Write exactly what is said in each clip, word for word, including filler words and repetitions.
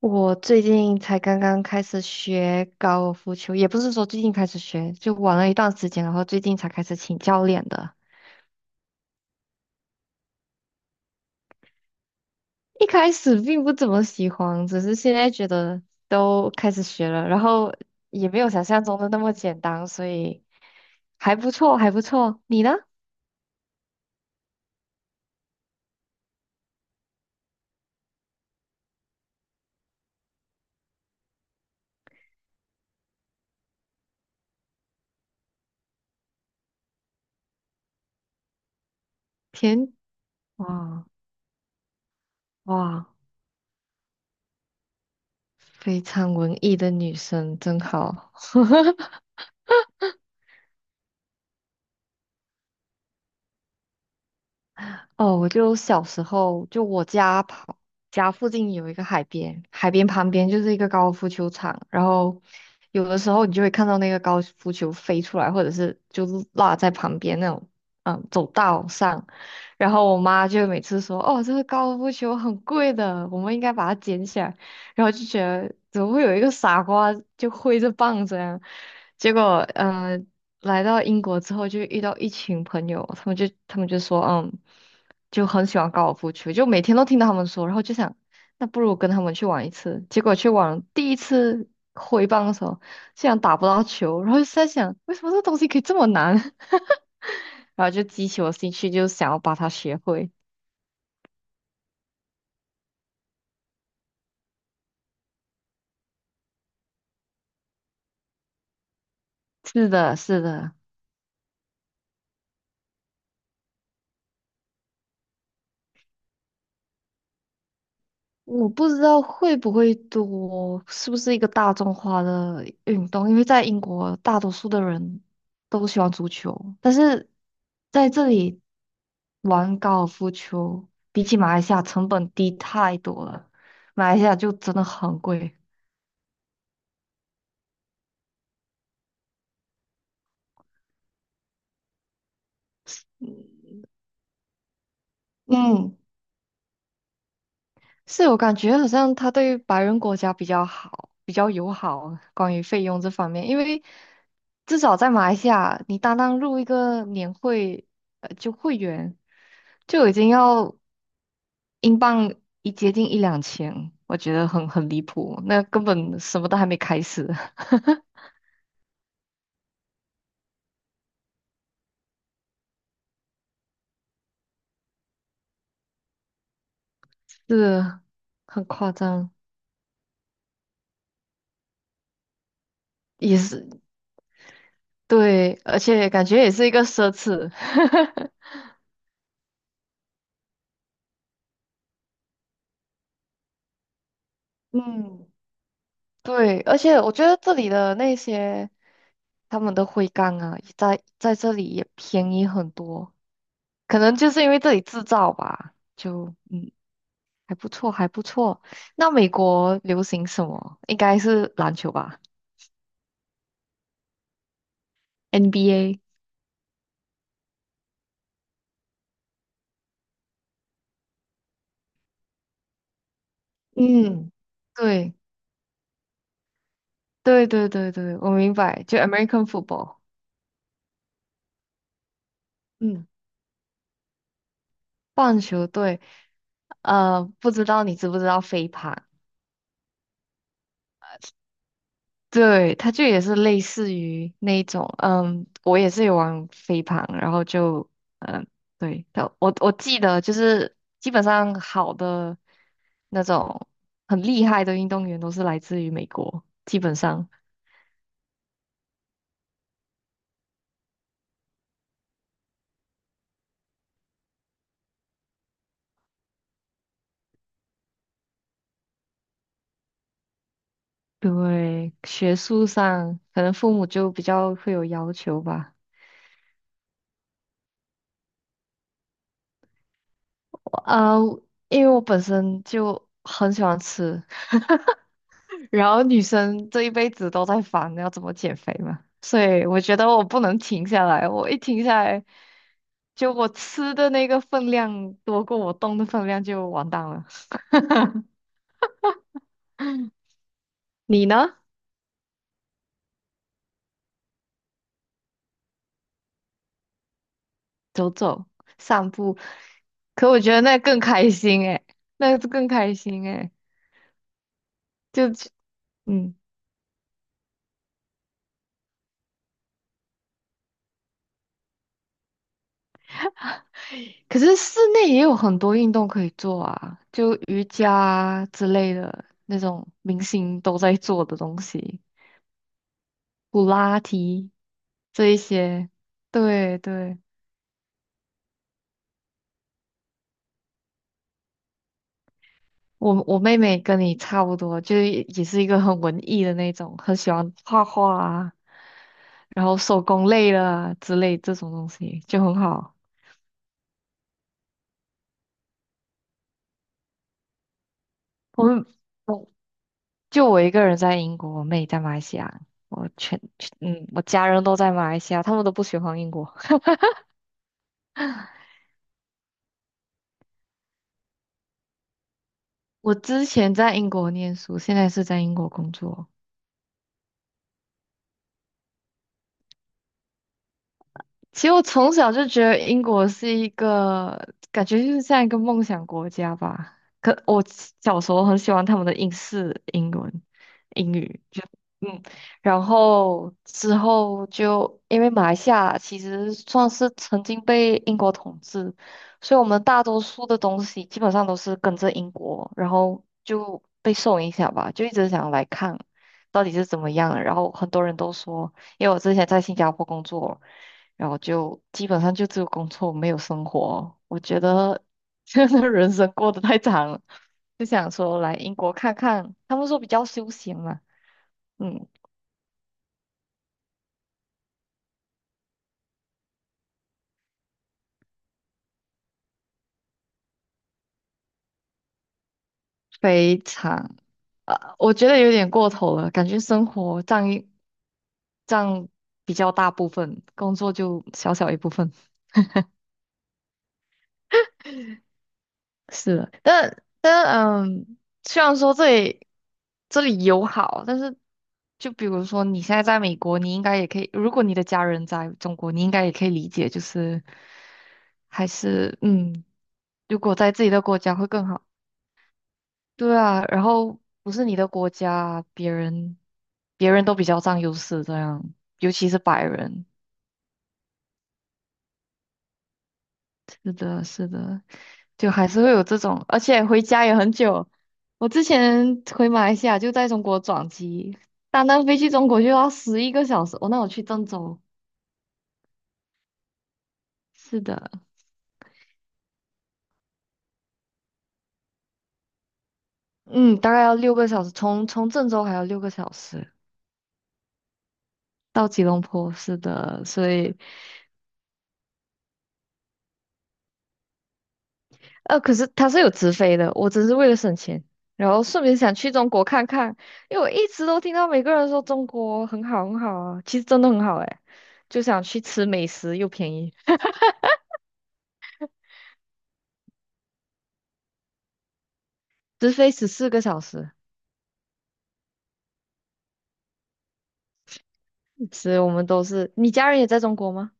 我最近才刚刚开始学高尔夫球，也不是说最近开始学，就玩了一段时间，然后最近才开始请教练的。一开始并不怎么喜欢，只是现在觉得都开始学了，然后也没有想象中的那么简单，所以还不错，还不错。你呢？田，哇哇，非常文艺的女生，真好。哦，我就小时候，就我家旁家附近有一个海边，海边旁边就是一个高尔夫球场，然后有的时候你就会看到那个高尔夫球飞出来，或者是就是落在旁边那种，嗯，走道上。然后我妈就每次说：“哦，这个高尔夫球很贵的，我们应该把它捡起来。”然后就觉得怎么会有一个傻瓜就挥着棒子，样，结果，嗯、来到英国之后，就遇到一群朋友，他们就他们就说，嗯，就很喜欢高尔夫球，就每天都听到他们说，然后就想，那不如跟他们去玩一次。结果去玩第一次挥棒的时候，竟然打不到球，然后就在想，为什么这东西可以这么难？然后就激起我兴趣，就想要把它学会。是的，是的。我不知道会不会多，是不是一个大众化的运动？因为在英国，大多数的人都喜欢足球，但是在这里玩高尔夫球，比起马来西亚成本低太多了。马来西亚就真的很贵。嗯，是我感觉好像他对白人国家比较好，比较友好，关于费用这方面，因为至少在马来西亚，你单单入一个年会，呃，就会员。就已经要英镑一接近一两千，我觉得很很离谱，那根本什么都还没开始，是啊很夸张，也是对，而且感觉也是一个奢侈，嗯，对，而且我觉得这里的那些他们的徽章啊，在在这里也便宜很多，可能就是因为这里制造吧，就嗯还不错，还不错。那美国流行什么？应该是篮球吧，N B A。嗯，对对对对对，我明白，就 American football， 嗯，棒球队，呃，不知道你知不知道飞盘？对，它就也是类似于那种，嗯，我也是有玩飞盘，然后就，嗯，对，但我我记得就是基本上好的那种很厉害的运动员都是来自于美国，基本上，对，学术上可能父母就比较会有要求吧。啊，因为我本身就很喜欢吃，然后女生这一辈子都在烦要怎么减肥嘛，所以我觉得我不能停下来，我一停下来，就我吃的那个分量多过我动的分量就完蛋了。你呢？走走，散步，可我觉得那更开心诶，那更开心诶，就嗯。可是室内也有很多运动可以做啊，就瑜伽啊之类的那种明星都在做的东西，普拉提这一些。对对，我我妹妹跟你差不多，就是也也是一个很文艺的那种，很喜欢画画啊，然后手工类的啊之类这种东西就很好。我们我就我一个人在英国，我妹在马来西亚，我全全嗯我家人都在马来西亚，他们都不喜欢英国。我之前在英国念书，现在是在英国工作。其实我从小就觉得英国是一个感觉就是像一个梦想国家吧。可我小时候很喜欢他们的英式英文、英语，就嗯，然后之后就因为马来西亚其实算是曾经被英国统治，所以我们大多数的东西基本上都是跟着英国，然后就被受影响吧，就一直想来看到底是怎么样。然后很多人都说，因为我之前在新加坡工作。然后就基本上就只有工作没有生活。我觉得这样的人生过得太长了，就想说来英国看看。他们说比较休闲嘛，嗯，非常呃，我觉得有点过头了，感觉生活占一占比较大部分，工作就小小一部分。是的，但但嗯，虽然说这里这里友好，但是就比如说你现在在美国，你应该也可以，如果你的家人在中国，你应该也可以理解，就是还是嗯，如果在自己的国家会更好。对啊，然后不是你的国家，别人别人都比较占优势，这样，尤其是白人。是的，是的，就还是会有这种，而且回家也很久。我之前回马来西亚就在中国转机，单单飞去中国就要十一个小时。哦，那我去郑州，是的，嗯，大概要六个小时，从从郑州还要六个小时到吉隆坡，是的，所以呃，可是它是有直飞的，我只是为了省钱，然后顺便想去中国看看，因为我一直都听到每个人说中国很好很好啊，其实真的很好诶，就想去吃美食又便宜。直飞十四个小时，所以我们都是。你家人也在中国吗？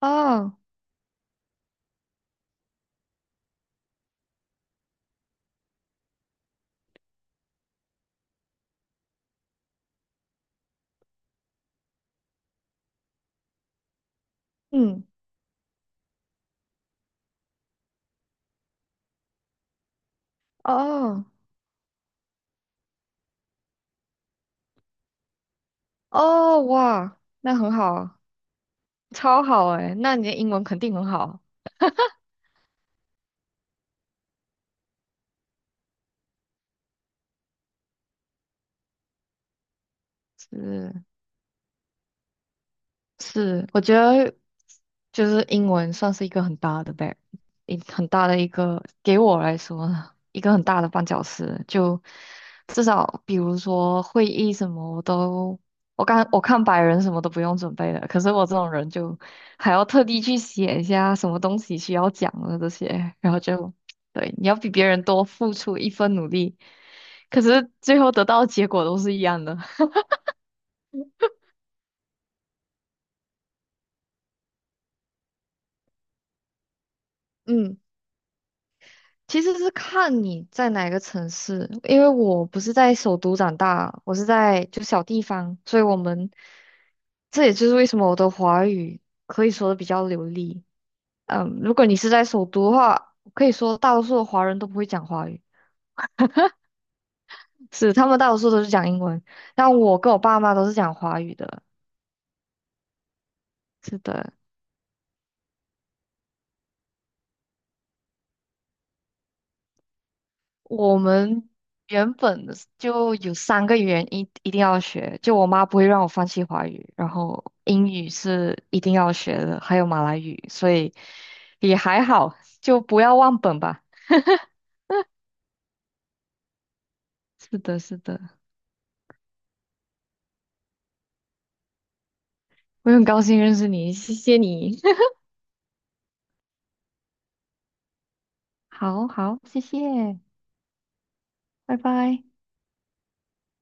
哦，嗯，哦，哦，哇，那很好啊超好哎，那你的英文肯定很好。是。是，我觉得就是英文算是一个很大的 b 一很大的一个给我来说呢，一个很大的绊脚石。就至少比如说会议什么，我都我看我看百人什么都不用准备的，可是我这种人就还要特地去写一下什么东西需要讲的这些，然后就对你要比别人多付出一分努力，可是最后得到的结果都是一样的。嗯。其实是看你在哪个城市，因为我不是在首都长大，我是在就小地方，所以我们这也就是为什么我的华语可以说的比较流利。嗯，如果你是在首都的话，可以说大多数的华人都不会讲华语，是他们大多数都是讲英文，但我跟我爸妈都是讲华语的。是的，我们原本的就有三个语言一一定要学，就我妈不会让我放弃华语，然后英语是一定要学的，还有马来语，所以也还好，就不要忘本吧。是的，是的，我很高兴认识你，谢谢你。好好，谢谢，拜拜。